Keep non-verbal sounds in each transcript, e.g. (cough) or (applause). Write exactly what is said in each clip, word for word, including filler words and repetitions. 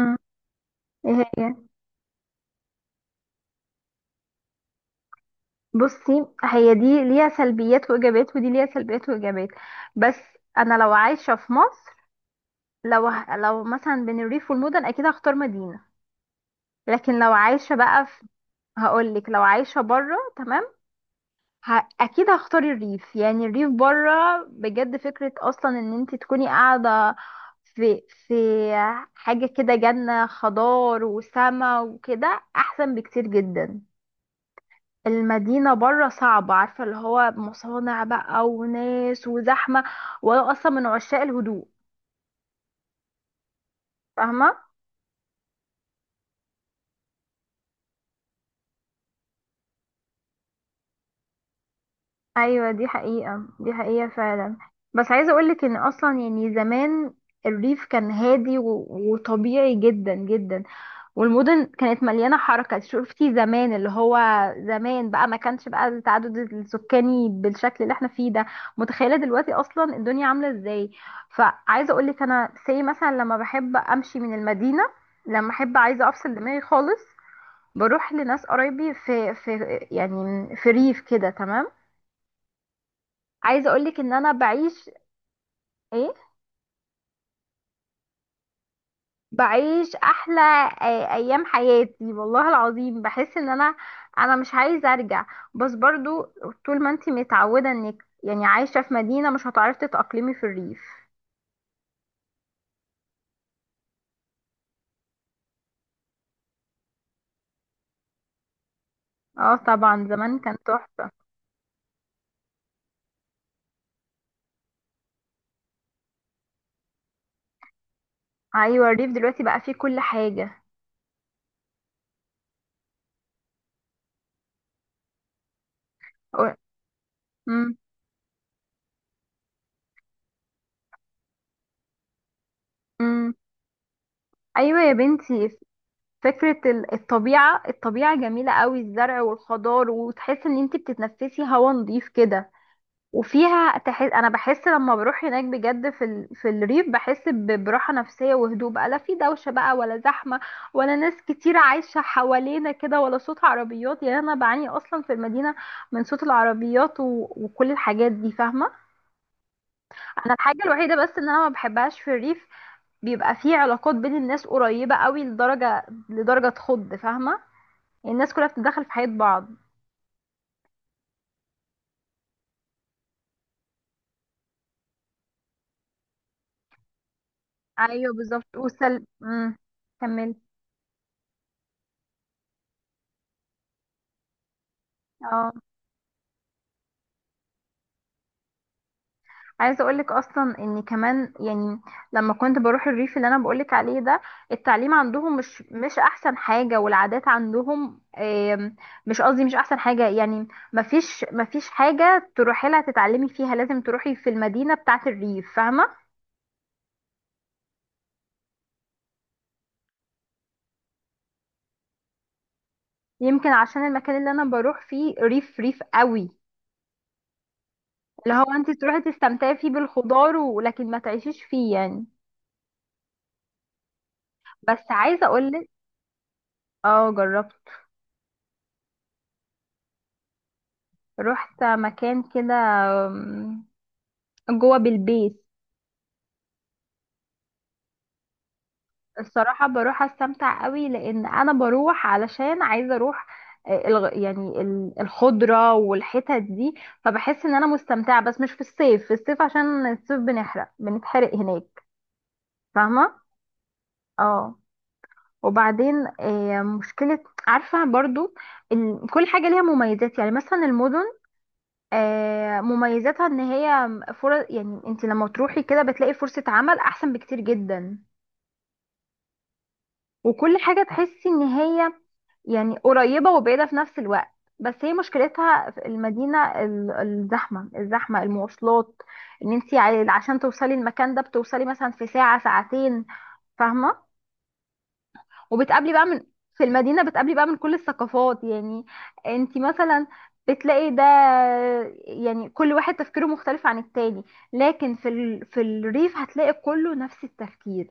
مم. ايه هي بصي هي دي ليها سلبيات وايجابيات ودي ليها سلبيات وايجابيات. بس انا لو عايشه في مصر، لو ه- لو مثلا بين الريف والمدن اكيد هختار مدينه. لكن لو عايشه بقى في هقول لك لو عايشه بره تمام. ه... اكيد هختار الريف، يعني الريف بره بجد فكره اصلا ان انت تكوني قاعده في في حاجه كده، جنه خضار وسما وكده احسن بكتير جدا. المدينة بره صعبة، عارفة اللي هو مصانع بقى وناس وزحمة، وانا اصلا من عشاق الهدوء، فاهمة؟ ايوه دي حقيقة دي حقيقة فعلا. بس عايزة اقولك ان اصلا يعني زمان الريف كان هادي و... وطبيعي جدا جدا، والمدن كانت مليانة حركة. شفتي زمان اللي هو زمان بقى ما كانش بقى التعدد السكاني بالشكل اللي احنا فيه ده؟ متخيلة دلوقتي اصلا الدنيا عاملة ازاي؟ فعايزة اقولك انا سي مثلا لما بحب امشي من المدينة، لما احب عايزة افصل دماغي خالص بروح لناس قرايبي في في يعني في ريف كده، تمام. عايزه اقولك ان انا بعيش. ايه؟ بعيش احلى آه، ايام حياتي والله العظيم. بحس ان انا انا مش عايزه ارجع، بس برضو طول ما انتي متعوده انك يعني عايشه في مدينه مش هتعرفي تتاقلمي في الريف. اه طبعا زمان كان تحفه. ايوه الريف دلوقتي بقى فيه كل حاجه. أو- مم. مم. ايوه يا بنتي، فكرة ال- الطبيعة الطبيعة جميلة قوي، الزرع والخضار، وتحس ان انتي بتتنفسي هوا نظيف كده. وفيها تحس، انا بحس لما بروح هناك بجد في ال... في الريف بحس ب- براحه نفسيه وهدوء بقى، لا في دوشه بقى ولا زحمه ولا ناس كتير عايشه حوالينا كده ولا صوت عربيات. يعني انا بعاني اصلا في المدينه من صوت العربيات و... وكل الحاجات دي، فاهمه. انا الحاجه الوحيده بس ان انا ما بحبهاش في الريف، بيبقى في علاقات بين الناس قريبه قوي لدرجه لدرجه تخض، فاهمه. يعني الناس كلها بتتدخل في حياه بعض. ايوه بالظبط. وسل امم كمل. عايزه اقولك اصلا ان كمان يعني لما كنت بروح الريف اللي انا بقولك عليه ده، التعليم عندهم مش مش احسن حاجه، والعادات عندهم آم، مش قصدي مش احسن حاجه يعني. مفيش مفيش حاجه تروحي لها تتعلمي فيها، لازم تروحي في المدينه بتاعه الريف، فاهمه. يمكن عشان المكان اللي انا بروح فيه ريف ريف قوي، اللي هو انت تروحي تستمتعي فيه بالخضار ولكن ما تعيشيش فيه يعني. بس عايزه اقولك، اه جربت، رحت مكان كده جوه بالبيت. الصراحة بروح استمتع قوي لان انا بروح علشان عايزة اروح. آه، الغ- يعني ال- الخضرة والحتت دي، فبحس ان انا مستمتعة، بس مش في الصيف، في الصيف عشان الصيف بنحرق بنتحرق هناك، فاهمة. اه، وبعدين آه، مشكلة، عارفة برضو، ال- كل حاجة ليها مميزات. يعني مثلا المدن آه، مميزاتها ان هي فرص. يعني انت لما تروحي كده بتلاقي فرصة عمل احسن بكتير جدا، وكل حاجة تحسي ان هي يعني قريبة وبعيدة في نفس الوقت. بس هي مشكلتها في المدينة ال- الزحمة، الزحمة، المواصلات. ان انت عشان توصلي المكان ده بتوصلي مثلا في ساعة ساعتين، فاهمة. وبتقابلي بقى من في المدينة بتقابلي بقى من كل الثقافات. يعني انت مثلا بتلاقي ده، يعني كل واحد تفكيره مختلف عن التاني، لكن في ال... في الريف هتلاقي كله نفس التفكير.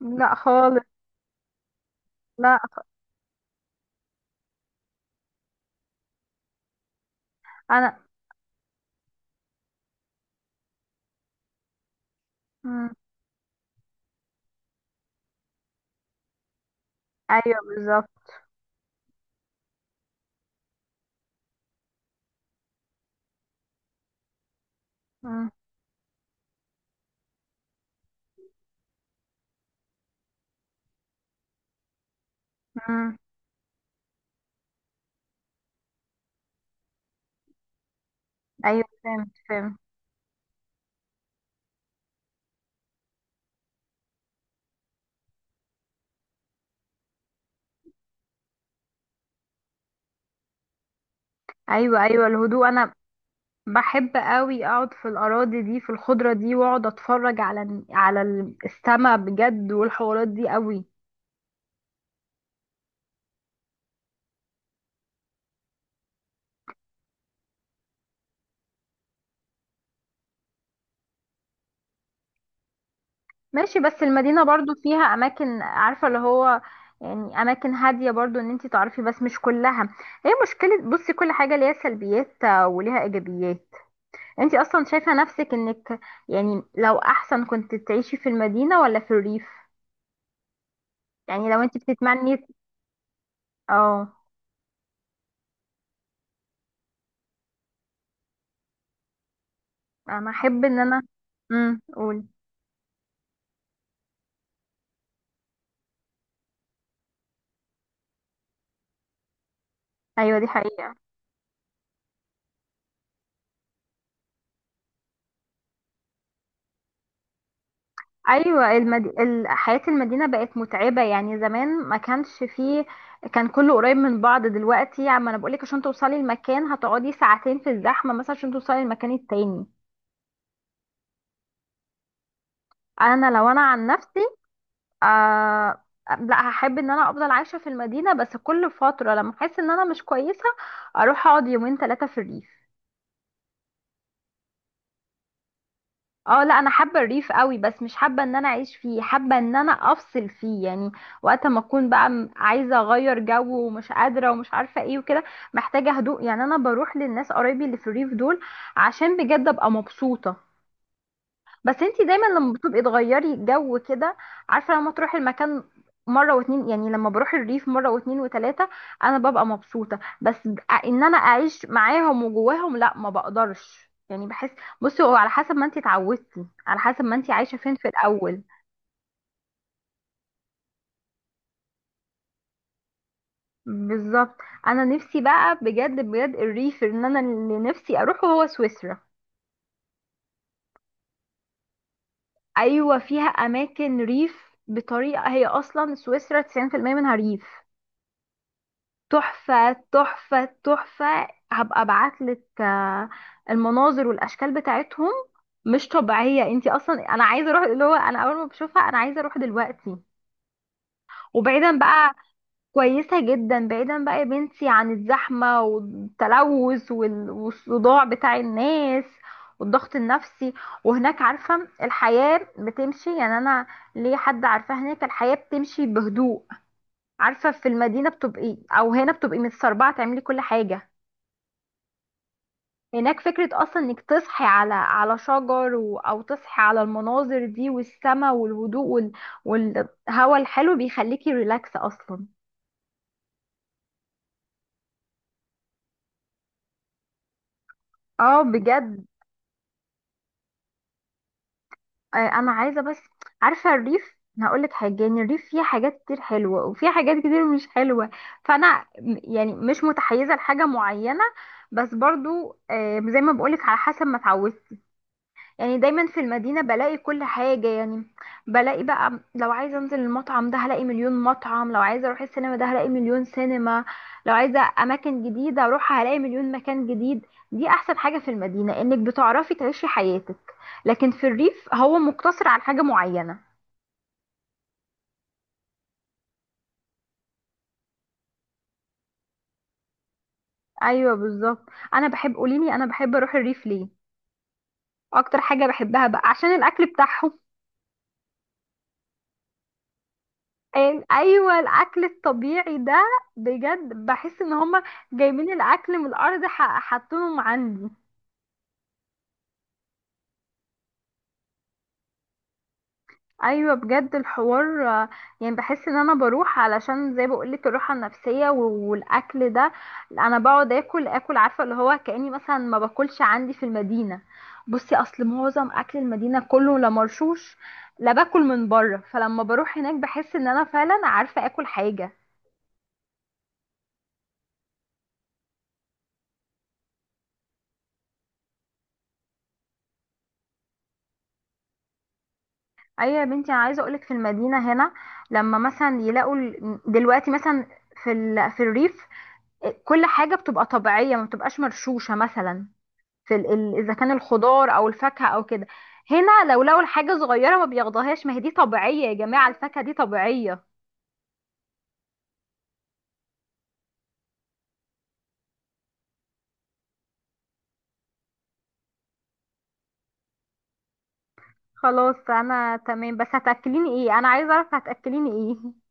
لا خالص، لا خ- انا. مم. ايوه بالظبط. مم. مم. ايوه فهمت فهمت. ايوه ايوه الهدوء، انا بحب قوي اقعد في الاراضي دي، في الخضره دي، واقعد اتفرج على على السما بجد، والحوارات دي قوي. ماشي، بس المدينه برضو فيها اماكن، عارفه اللي هو يعني اماكن هاديه برضو ان انتي تعرفي، بس مش كلها. هي مشكله، بصي كل حاجه ليها سلبيات آه، وليها ايجابيات. انتي اصلا شايفه نفسك انك يعني لو احسن كنت تعيشي في المدينه ولا في الريف، يعني لو انتي بتتمني. اه انا احب ان انا امم قول. ايوه دي حقيقة. ايوه المد... ال- حياة المدينة بقت متعبة. يعني زمان ما كانش فيه، كان كله قريب من بعض. دلوقتي عم انا بقولك عشان توصلي المكان هتقعدي ساعتين في الزحمة مثلا عشان توصلي المكان التاني. انا لو انا عن نفسي، آه... لا هحب ان انا افضل عايشة في المدينة، بس كل فترة لما احس ان انا مش كويسة اروح اقعد يومين ثلاثة في الريف. اه لا، انا حابه الريف قوي، بس مش حابه ان انا اعيش فيه، حابه ان انا افصل فيه يعني. وقت ما اكون بقى م- عايزه اغير جو ومش قادره ومش عارفه ايه وكده، محتاجه هدوء، يعني انا بروح للناس قرايبي اللي في الريف دول عشان بجد ابقى مبسوطه. بس انتي دايما لما بتبقي تغيري جو كده، عارفه لما تروحي المكان مره واتنين، يعني لما بروح الريف مره واتنين وتلاته انا ببقى مبسوطه، بس ان انا اعيش معاهم وجواهم لا ما بقدرش يعني، بحس. بصي هو على حسب ما انتي اتعودتي، على حسب ما انتي عايشه فين في الاول. بالظبط. انا نفسي بقى بجد بجد الريف ان انا اللي نفسي اروحه هو سويسرا. ايوه فيها اماكن ريف بطريقه، هي اصلا سويسرا تسعين في المئة منها ريف. تحفة تحفة تحفة. هبقى ابعتلك آه، المناظر والاشكال بتاعتهم، مش طبيعية. انتي اصلا انا عايزة اروح، اللي هو انا اول ما بشوفها انا عايزة اروح دلوقتي. وبعيدا بقى، كويسة جدا، بعيدا بقى يا بنتي عن الزحمة والتلوث وال- والصداع بتاع الناس والضغط النفسي. وهناك عارفة الحياة بتمشي، يعني انا ليه حد عارفة هناك الحياة بتمشي بهدوء. عارفة في المدينة بتبقي او هنا بتبقي متسربعة تعملي كل حاجة. هناك فكرة أصلا إنك تصحي على على شجر، و... أو تصحي على المناظر دي والسماء والهدوء وال... والهواء الحلو بيخليكي ريلاكس أصلا. اه بجد. آه، أنا عايزة، بس عارفة الريف، أنا هقولك حاجة، يعني الريف فيه حاجات كتير حلوة وفيه حاجات كتير مش حلوة، فأنا م- يعني مش متحيزة لحاجة معينة، بس برضو آه، زي ما بقولك على حسب ما اتعودت. يعني دايما في المدينة بلاقي كل حاجة، يعني بلاقي بقى لو عايزة انزل المطعم ده هلاقي مليون مطعم، لو عايزة اروح السينما ده هلاقي مليون سينما، لو عايزة اماكن جديدة اروحها هلاقي مليون مكان جديد. دي احسن حاجة في المدينة، انك بتعرفي تعيشي حياتك، لكن في الريف هو مقتصر على حاجة معينة. ايوه بالظبط. انا بحب، قوليلي انا بحب اروح الريف ليه؟ اكتر حاجة بحبها بقى عشان الاكل بتاعهم. أن- ايوه، الاكل الطبيعي ده بجد، بحس ان هما جايبين الاكل من الارض ح- حاطينهم عندي. ايوه بجد، الحوار آه، يعني بحس ان انا بروح علشان زي بقولك الراحه النفسيه و- والاكل ده. انا بقعد اكل اكل، عارفه اللي هو كاني مثلا ما باكلش عندي في المدينه. بصي اصل معظم اكل المدينه كله لا مرشوش، لا باكل من بره، فلما بروح هناك بحس ان انا فعلا عارفه اكل حاجه. ايوه يا بنتي، انا عايزه اقولك في المدينه هنا، لما مثلا يلاقوا ال- دلوقتي مثلا في ال... في الريف آه، كل حاجه بتبقى طبيعيه، ما بتبقاش مرشوشه مثلا، في ال... ال- اذا كان الخضار او الفاكهه او كده. هنا لو لقوا الحاجه صغيره ما بياخدوهاش، ما هي دي طبيعيه يا جماعه، الفاكهه دي طبيعيه. خلاص انا تمام، بس هتاكليني ايه؟ انا عايزه اعرف هتاكليني ايه (laughs)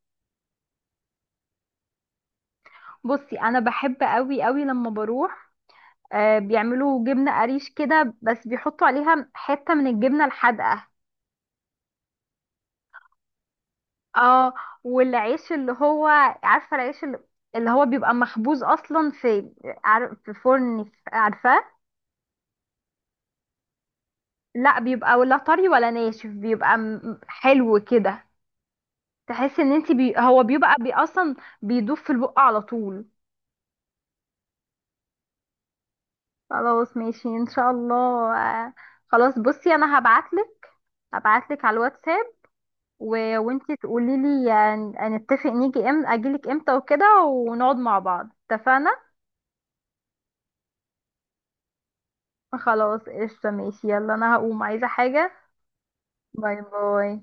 بصي انا بحب قوي قوي لما بروح آه، بيعملوا جبنه قريش كده بس بيحطوا عليها حته من الجبنه الحادقه. اه، والعيش اللي هو، عارفه العيش اللي, اللي هو بيبقى مخبوز اصلا في عار- في فرن، عارفاه. لا بيبقى ولا طري ولا ناشف، بيبقى م- حلو كده، تحس ان انت بي... هو بيبقى بي اصلا بيدوب في البق على طول. خلاص ماشي ان شاء الله. آه، خلاص بصي انا هبعتلك هبعتلك على الواتساب، و... وانتي تقولي لي، نتفق نيجي ام اجيلك امتى وكده، ونقعد مع بعض، اتفقنا؟ خلاص قشطة، ماشي، يلا انا هقوم عايزة حاجة. باي باي.